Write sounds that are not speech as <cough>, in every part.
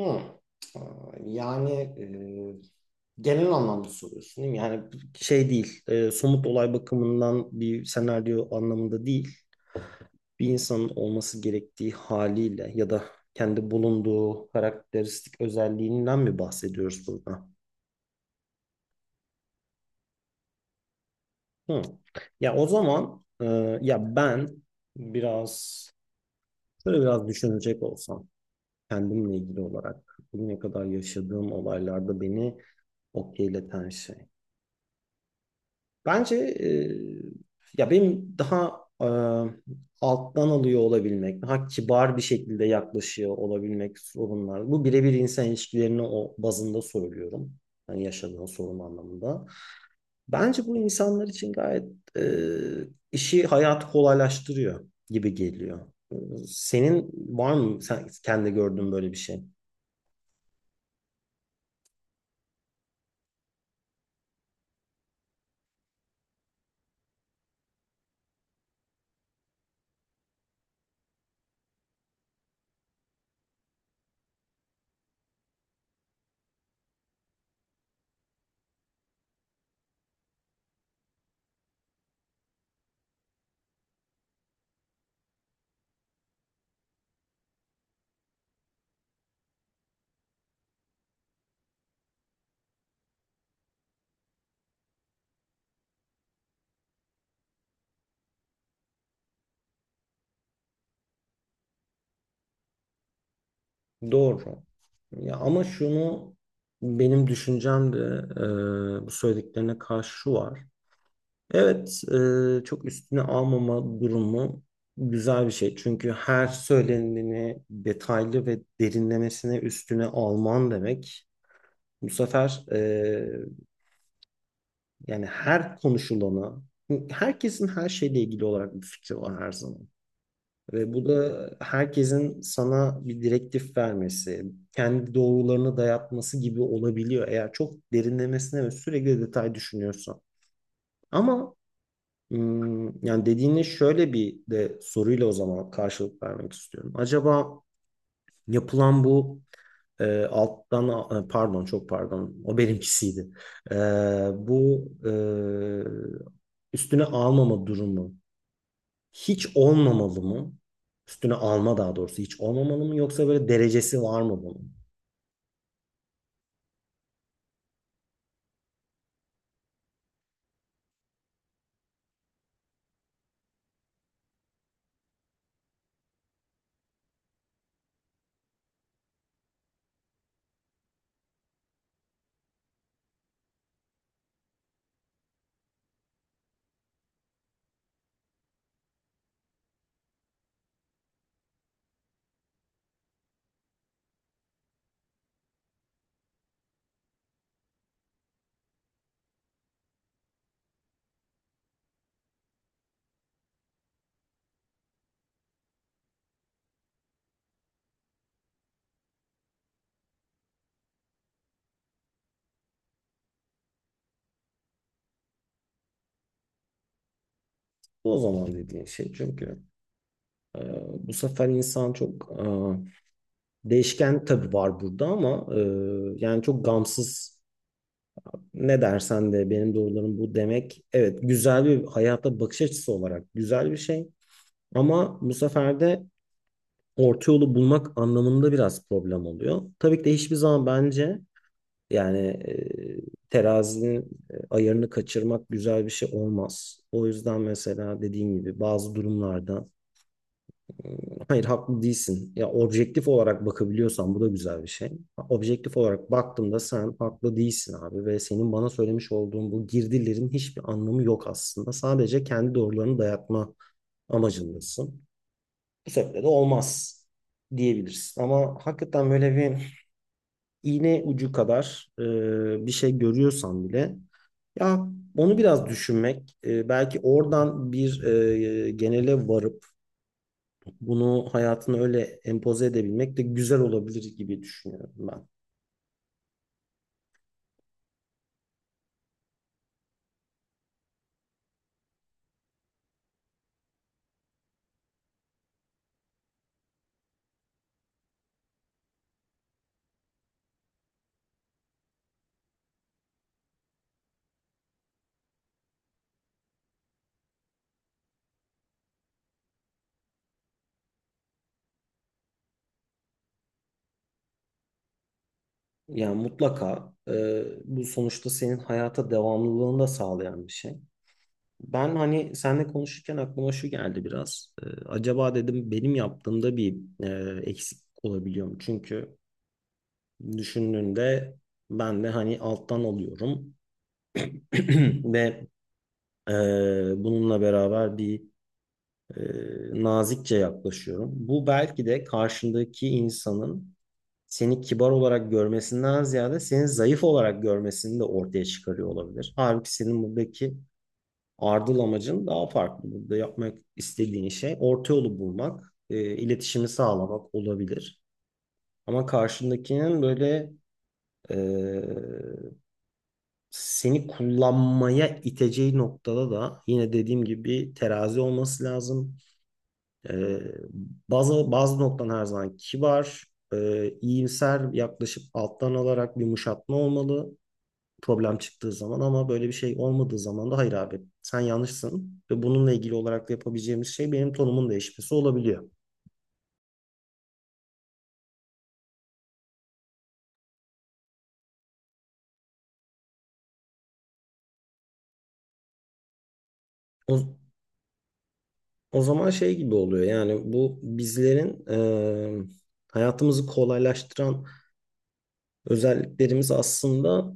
Hı. Aa, Yani genel anlamda soruyorsun değil mi? Yani şey değil, somut olay bakımından bir senaryo anlamında değil. Bir insanın olması gerektiği haliyle ya da kendi bulunduğu karakteristik özelliğinden mi bahsediyoruz burada? Hı. Ya o zaman ya ben biraz şöyle düşünecek olsam kendimle ilgili olarak bugüne kadar yaşadığım olaylarda beni okeyleten şey. Bence ya benim daha e, alttan alıyor olabilmek, daha kibar bir şekilde yaklaşıyor olabilmek sorunlar. Bu birebir insan ilişkilerini o bazında söylüyorum. Hani yaşadığın sorun anlamında. Bence bu insanlar için gayet e, işi, hayatı kolaylaştırıyor gibi geliyor. E, Senin var mı sen kendi gördüğün böyle bir şey? Doğru. Ya ama şunu benim düşüncem de bu söylediklerine karşı şu var. Evet, çok üstüne almama durumu güzel bir şey. Çünkü her söyleneni detaylı ve derinlemesine üstüne alman demek. Bu sefer yani her konuşulana, herkesin her şeyle ilgili olarak bir fikri var her zaman. Ve bu da herkesin sana bir direktif vermesi, kendi doğrularını dayatması gibi olabiliyor eğer çok derinlemesine ve sürekli detay düşünüyorsan. Ama yani dediğine şöyle bir de soruyla o zaman karşılık vermek istiyorum. Acaba yapılan bu pardon çok pardon o benimkisiydi. E, bu üstüne almama durumu hiç olmamalı mı? Üstüne alma daha doğrusu hiç olmamalı mı yoksa böyle derecesi var mı bunun? Bu o zaman dediğin şey çünkü e, bu sefer insan çok değişken tabii var burada ama yani çok gamsız ne dersen de benim doğrularım bu demek. Evet güzel bir hayata bakış açısı olarak güzel bir şey. Ama bu sefer de orta yolu bulmak anlamında biraz problem oluyor. Tabii ki de hiçbir zaman bence yani terazinin ayarını kaçırmak güzel bir şey olmaz. O yüzden mesela dediğim gibi bazı durumlarda hayır haklı değilsin. Ya objektif olarak bakabiliyorsan bu da güzel bir şey. Objektif olarak baktığımda sen haklı değilsin abi ve senin bana söylemiş olduğun bu girdilerin hiçbir anlamı yok aslında. Sadece kendi doğrularını dayatma amacındasın. Bu sebeple de olmaz diyebilirsin. Ama hakikaten böyle bir iğne ucu kadar bir şey görüyorsan bile ya onu biraz düşünmek, belki oradan bir genele varıp bunu hayatına öyle empoze edebilmek de güzel olabilir gibi düşünüyorum ben. Yani mutlaka bu sonuçta senin hayata devamlılığını da sağlayan bir şey. Ben hani seninle konuşurken aklıma şu geldi biraz. Acaba dedim benim yaptığımda bir eksik olabiliyor mu? Çünkü düşündüğünde ben de hani alttan alıyorum <clears throat> ve e, bununla beraber bir e, nazikçe yaklaşıyorum. Bu belki de karşındaki insanın seni kibar olarak görmesinden ziyade seni zayıf olarak görmesini de ortaya çıkarıyor olabilir. Halbuki senin buradaki ardıl amacın daha farklı. Burada yapmak istediğin şey orta yolu bulmak, iletişimi sağlamak olabilir. Ama karşındakinin böyle e, seni kullanmaya iteceği noktada da yine dediğim gibi bir terazi olması lazım. Ee, bazı noktan her zaman kibar, iyimser yaklaşıp alttan alarak bir yumuşatma olmalı problem çıktığı zaman ama böyle bir şey olmadığı zaman da hayır abi sen yanlışsın ve bununla ilgili olarak da yapabileceğimiz şey benim tonumun değişmesi olabiliyor. O, o zaman şey gibi oluyor yani bu bizlerin e, hayatımızı kolaylaştıran özelliklerimiz aslında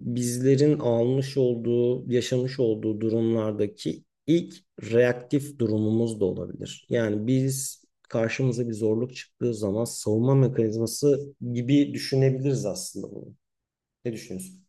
bizlerin almış olduğu, yaşamış olduğu durumlardaki ilk reaktif durumumuz da olabilir. Yani biz karşımıza bir zorluk çıktığı zaman savunma mekanizması gibi düşünebiliriz aslında bunu. Ne düşünüyorsun?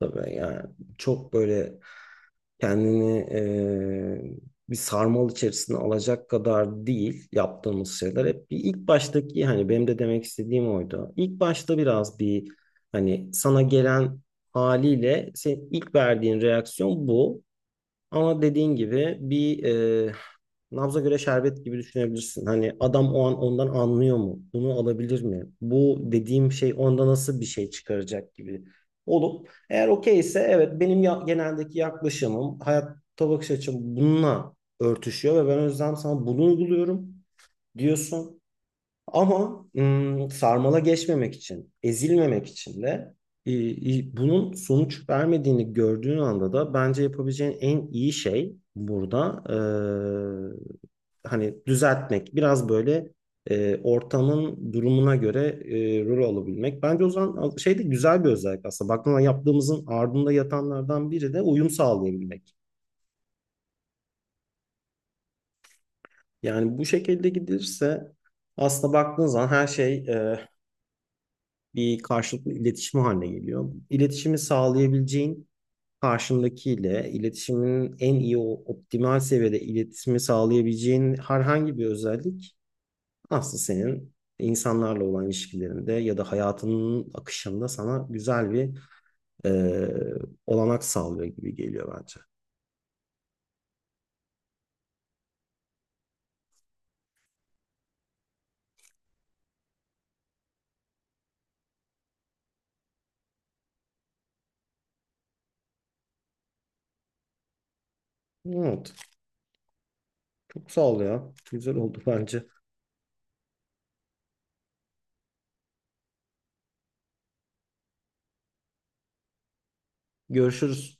Tabii yani çok böyle kendini bir sarmal içerisine alacak kadar değil yaptığımız şeyler. Hep bir ilk baştaki hani benim de demek istediğim oydu. İlk başta biraz bir hani sana gelen haliyle senin ilk verdiğin reaksiyon bu. Ama dediğin gibi bir nabza göre şerbet gibi düşünebilirsin. Hani adam o an ondan anlıyor mu? Bunu alabilir mi? Bu dediğim şey onda nasıl bir şey çıkaracak gibi olup eğer okey ise evet benim geneldeki yaklaşımım hayatta bakış açım bununla örtüşüyor ve ben o yüzden sana bunu uyguluyorum diyorsun. Ama sarmala geçmemek için, ezilmemek için de e, bunun sonuç vermediğini gördüğün anda da bence yapabileceğin en iyi şey burada hani düzeltmek, biraz böyle ortamın durumuna göre rol alabilmek. Bence o zaman şey de güzel bir özellik aslında. Baktığında yaptığımızın ardında yatanlardan biri de uyum sağlayabilmek. Yani bu şekilde gidilirse aslında baktığın zaman her şey bir karşılıklı iletişim haline geliyor. İletişimi sağlayabileceğin karşındakiyle iletişimin en iyi o optimal seviyede iletişimi sağlayabileceğin herhangi bir özellik aslında senin insanlarla olan ilişkilerinde ya da hayatının akışında sana güzel bir e, olanak sağlıyor gibi geliyor bence. Evet, çok sağ ol ya. Güzel oldu bence. Görüşürüz.